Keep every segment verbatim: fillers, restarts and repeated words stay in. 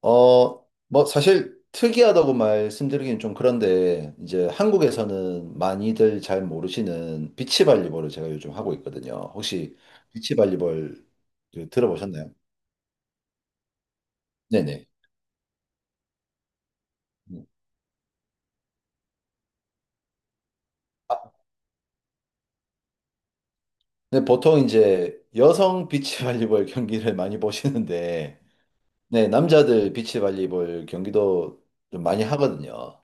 어, 뭐, 사실 특이하다고 말씀드리긴 좀 그런데, 이제 한국에서는 많이들 잘 모르시는 비치발리볼을 제가 요즘 하고 있거든요. 혹시 비치발리볼 그 들어보셨나요? 네네. 음. 아, 네, 보통 이제 여성 비치발리볼 경기를 많이 보시는데, 네, 남자들 비치발리볼 경기도 좀 많이 하거든요.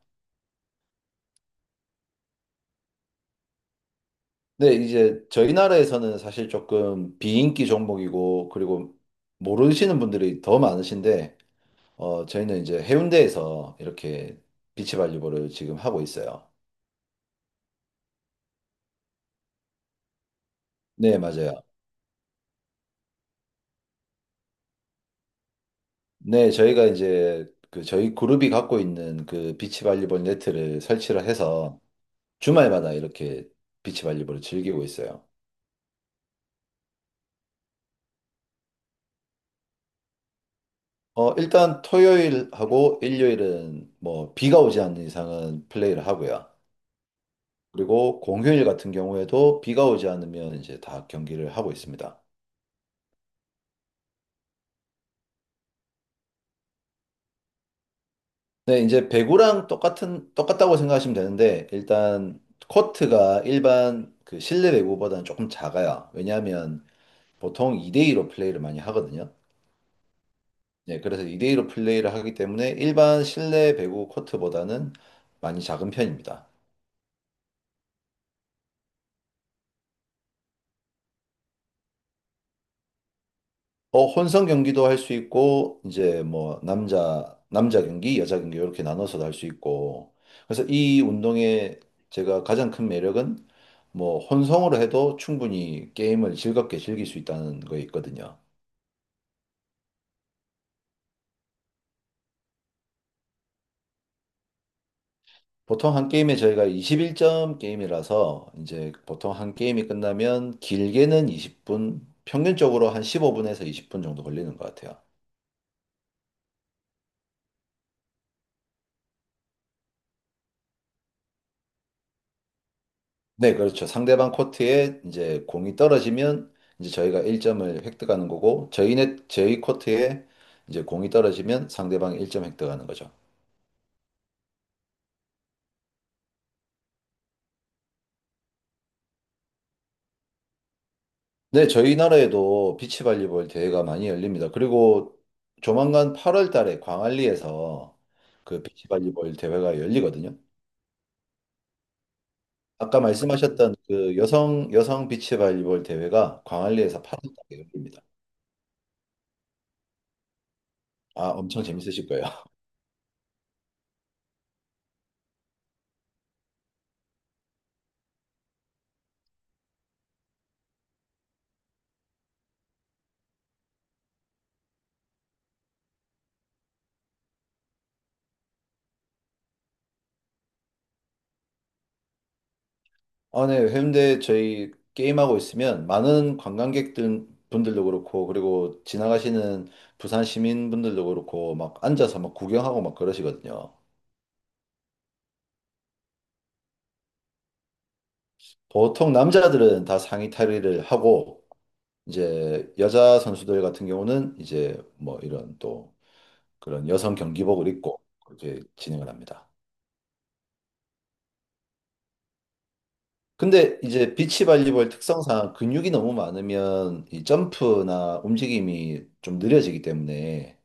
근데 이제 저희 나라에서는 사실 조금 비인기 종목이고, 그리고 모르시는 분들이 더 많으신데, 어, 저희는 이제 해운대에서 이렇게 비치발리볼을 지금 하고 있어요. 네, 맞아요. 네, 저희가 이제 그 저희 그룹이 갖고 있는 그 비치발리볼 네트를 설치를 해서 주말마다 이렇게 비치발리볼을 즐기고 있어요. 어, 일단 토요일하고 일요일은 뭐 비가 오지 않는 이상은 플레이를 하고요. 그리고 공휴일 같은 경우에도 비가 오지 않으면 이제 다 경기를 하고 있습니다. 네, 이제 배구랑 똑같은, 똑같다고 생각하시면 되는데, 일단, 코트가 일반 그 실내 배구보다는 조금 작아요. 왜냐하면 보통 이 대이로 플레이를 많이 하거든요. 네, 그래서 이 대이로 플레이를 하기 때문에 일반 실내 배구 코트보다는 많이 작은 편입니다. 어, 혼성 경기도 할 수 있고, 이제 뭐, 남자, 남자 경기, 여자 경기, 이렇게 나눠서도 할 수 있고. 그래서 이 운동의 제가 가장 큰 매력은 뭐, 혼성으로 해도 충분히 게임을 즐겁게 즐길 수 있다는 거에 있거든요. 보통 한 게임에 저희가 이십일 점 게임이라서, 이제 보통 한 게임이 끝나면 길게는 이십 분, 평균적으로 한 십오 분에서 이십 분 정도 걸리는 것 같아요. 네, 그렇죠. 상대방 코트에 이제 공이 떨어지면 이제 저희가 일 점을 획득하는 거고 저희 네 저희 코트에 이제 공이 떨어지면 상대방이 일 점 획득하는 거죠. 네, 저희 나라에도 비치발리볼 대회가 많이 열립니다. 그리고 조만간 팔월 달에 광안리에서 그 비치발리볼 대회가 열리거든요. 아까 말씀하셨던 그 여성 여성 비치발리볼 대회가 광안리에서 팔월 달에 열립니다. 아, 엄청 재밌으실 거예요. 아, 네. 해운대 저희 게임하고 있으면 많은 관광객들 분들도 그렇고 그리고 지나가시는 부산 시민분들도 그렇고 막 앉아서 막 구경하고 막 그러시거든요. 보통 남자들은 다 상의 탈의를 하고 이제 여자 선수들 같은 경우는 이제 뭐 이런 또 그런 여성 경기복을 입고 그렇게 진행을 합니다. 근데 이제 비치 발리볼 특성상 근육이 너무 많으면 이 점프나 움직임이 좀 느려지기 때문에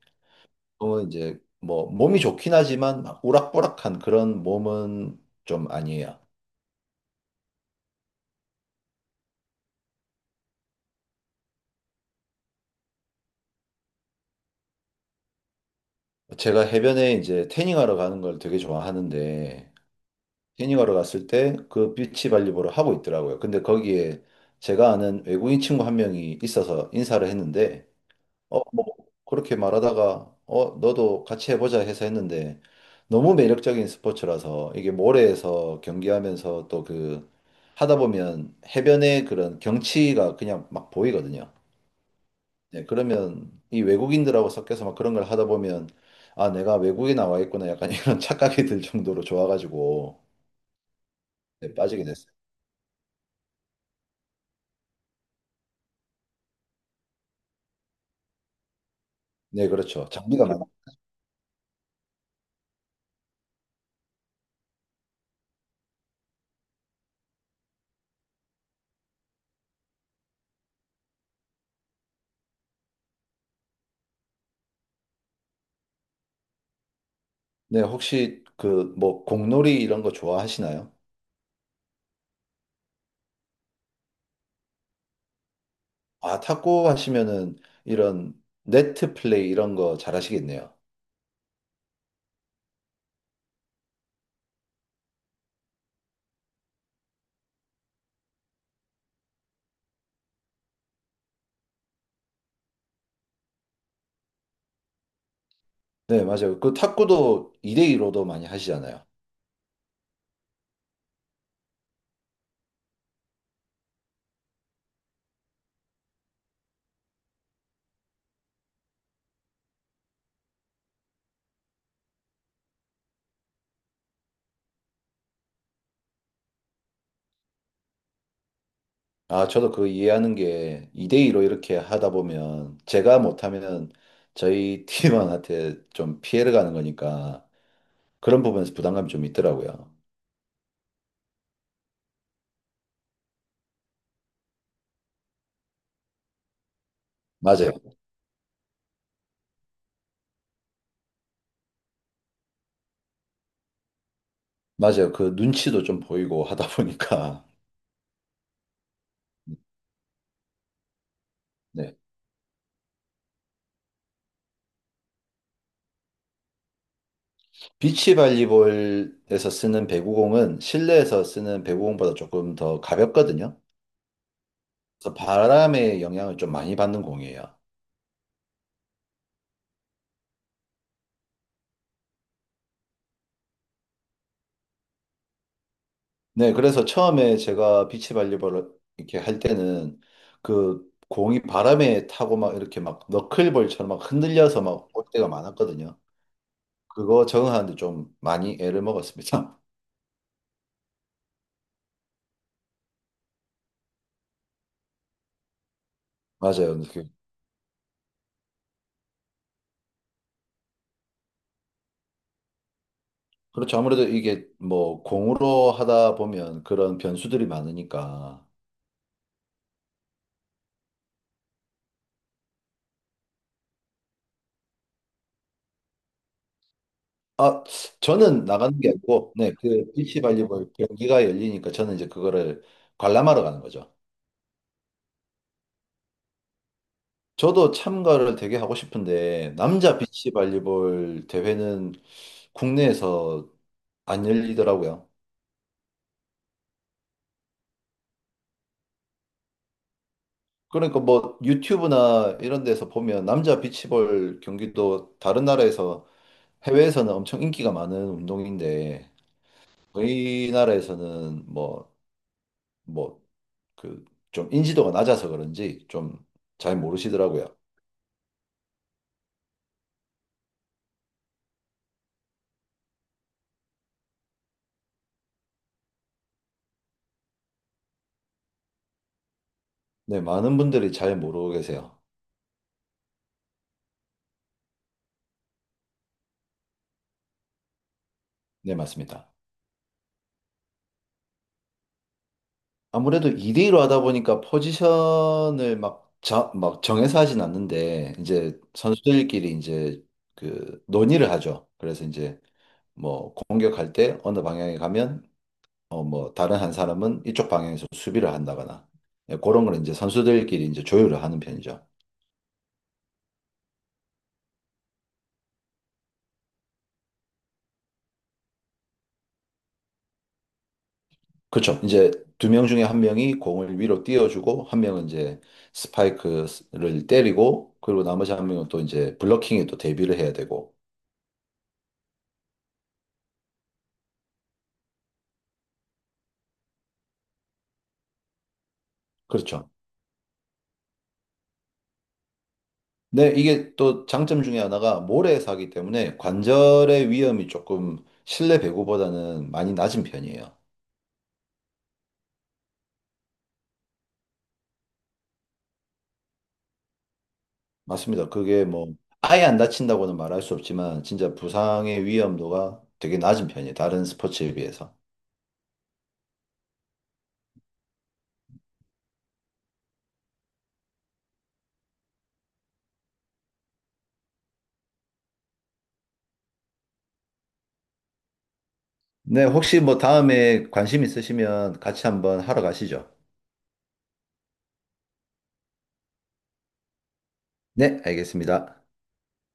또 이제 뭐 몸이 좋긴 하지만 막 우락부락한 그런 몸은 좀 아니에요. 제가 해변에 이제 태닝하러 가는 걸 되게 좋아하는데 태닝하러 갔을 때 그 비치 발리볼을 하고 있더라고요. 근데 거기에 제가 아는 외국인 친구 한 명이 있어서 인사를 했는데 어, 뭐 그렇게 말하다가 어, 너도 같이 해보자 해서 했는데 너무 매력적인 스포츠라서 이게 모래에서 경기하면서 또 그 하다 보면 해변의 그런 경치가 그냥 막 보이거든요. 네, 그러면 이 외국인들하고 섞여서 막 그런 걸 하다 보면 아, 내가 외국에 나와 있구나 약간 이런 착각이 들 정도로 좋아가지고 네, 빠지게 됐어요. 네, 그렇죠. 장비가 많아. 네, 혹시 그 뭐 공놀이 이런 거 좋아하시나요? 아, 탁구 하시면은 이런 네트 플레이 이런 거 잘하시겠네요. 네, 맞아요. 그 탁구도 이 대이로도 많이 하시잖아요. 아, 저도 그거 이해하는 게 이 대이로 이렇게 하다 보면 제가 못하면 저희 팀원한테 좀 피해를 가는 거니까 그런 부분에서 부담감이 좀 있더라고요. 맞아요. 맞아요. 그 눈치도 좀 보이고 하다 보니까. 네. 비치 발리볼에서 쓰는 배구공은 실내에서 쓰는 배구공보다 조금 더 가볍거든요. 그래서 바람의 영향을 좀 많이 받는 공이에요. 네, 그래서 처음에 제가 비치 발리볼을 이렇게 할 때는 그 공이 바람에 타고 막 이렇게 막 너클볼처럼 막 흔들려서 막 올 때가 많았거든요. 그거 적응하는데 좀 많이 애를 먹었습니다. 맞아요. 그렇죠. 아무래도 이게 뭐 공으로 하다 보면 그런 변수들이 많으니까. 아, 저는 나가는 게 아니고, 네, 그 비치 발리볼 경기가 열리니까 저는 이제 그거를 관람하러 가는 거죠. 저도 참가를 되게 하고 싶은데, 남자 비치 발리볼 대회는 국내에서 안 열리더라고요. 그러니까 뭐 유튜브나 이런 데서 보면 남자 비치볼 경기도 다른 나라에서 해외에서는 엄청 인기가 많은 운동인데, 저희 나라에서는 뭐, 뭐, 그, 좀 인지도가 낮아서 그런지 좀 잘 모르시더라고요. 네, 많은 분들이 잘 모르고 계세요. 네, 맞습니다. 아무래도 이 대일로 하다 보니까 포지션을 막, 자, 막 정해서 하진 않는데, 이제 선수들끼리 이제 그 논의를 하죠. 그래서 이제 뭐 공격할 때 어느 방향에 가면, 어, 뭐 다른 한 사람은 이쪽 방향에서 수비를 한다거나, 예, 그런 걸 이제 선수들끼리 이제 조율을 하는 편이죠. 그렇죠. 이제 두 명 중에 한 명이 공을 위로 띄워주고 한 명은 이제 스파이크를 때리고 그리고 나머지 한 명은 또 이제 블러킹에 또 대비를 해야 되고 그렇죠. 네, 이게 또 장점 중에 하나가 모래사기 때문에 관절의 위험이 조금 실내 배구보다는 많이 낮은 편이에요. 맞습니다. 그게 뭐 아예 안 다친다고는 말할 수 없지만 진짜 부상의 위험도가 되게 낮은 편이에요. 다른 스포츠에 비해서. 네, 혹시 뭐 다음에 관심 있으시면 같이 한번 하러 가시죠. 네, 알겠습니다.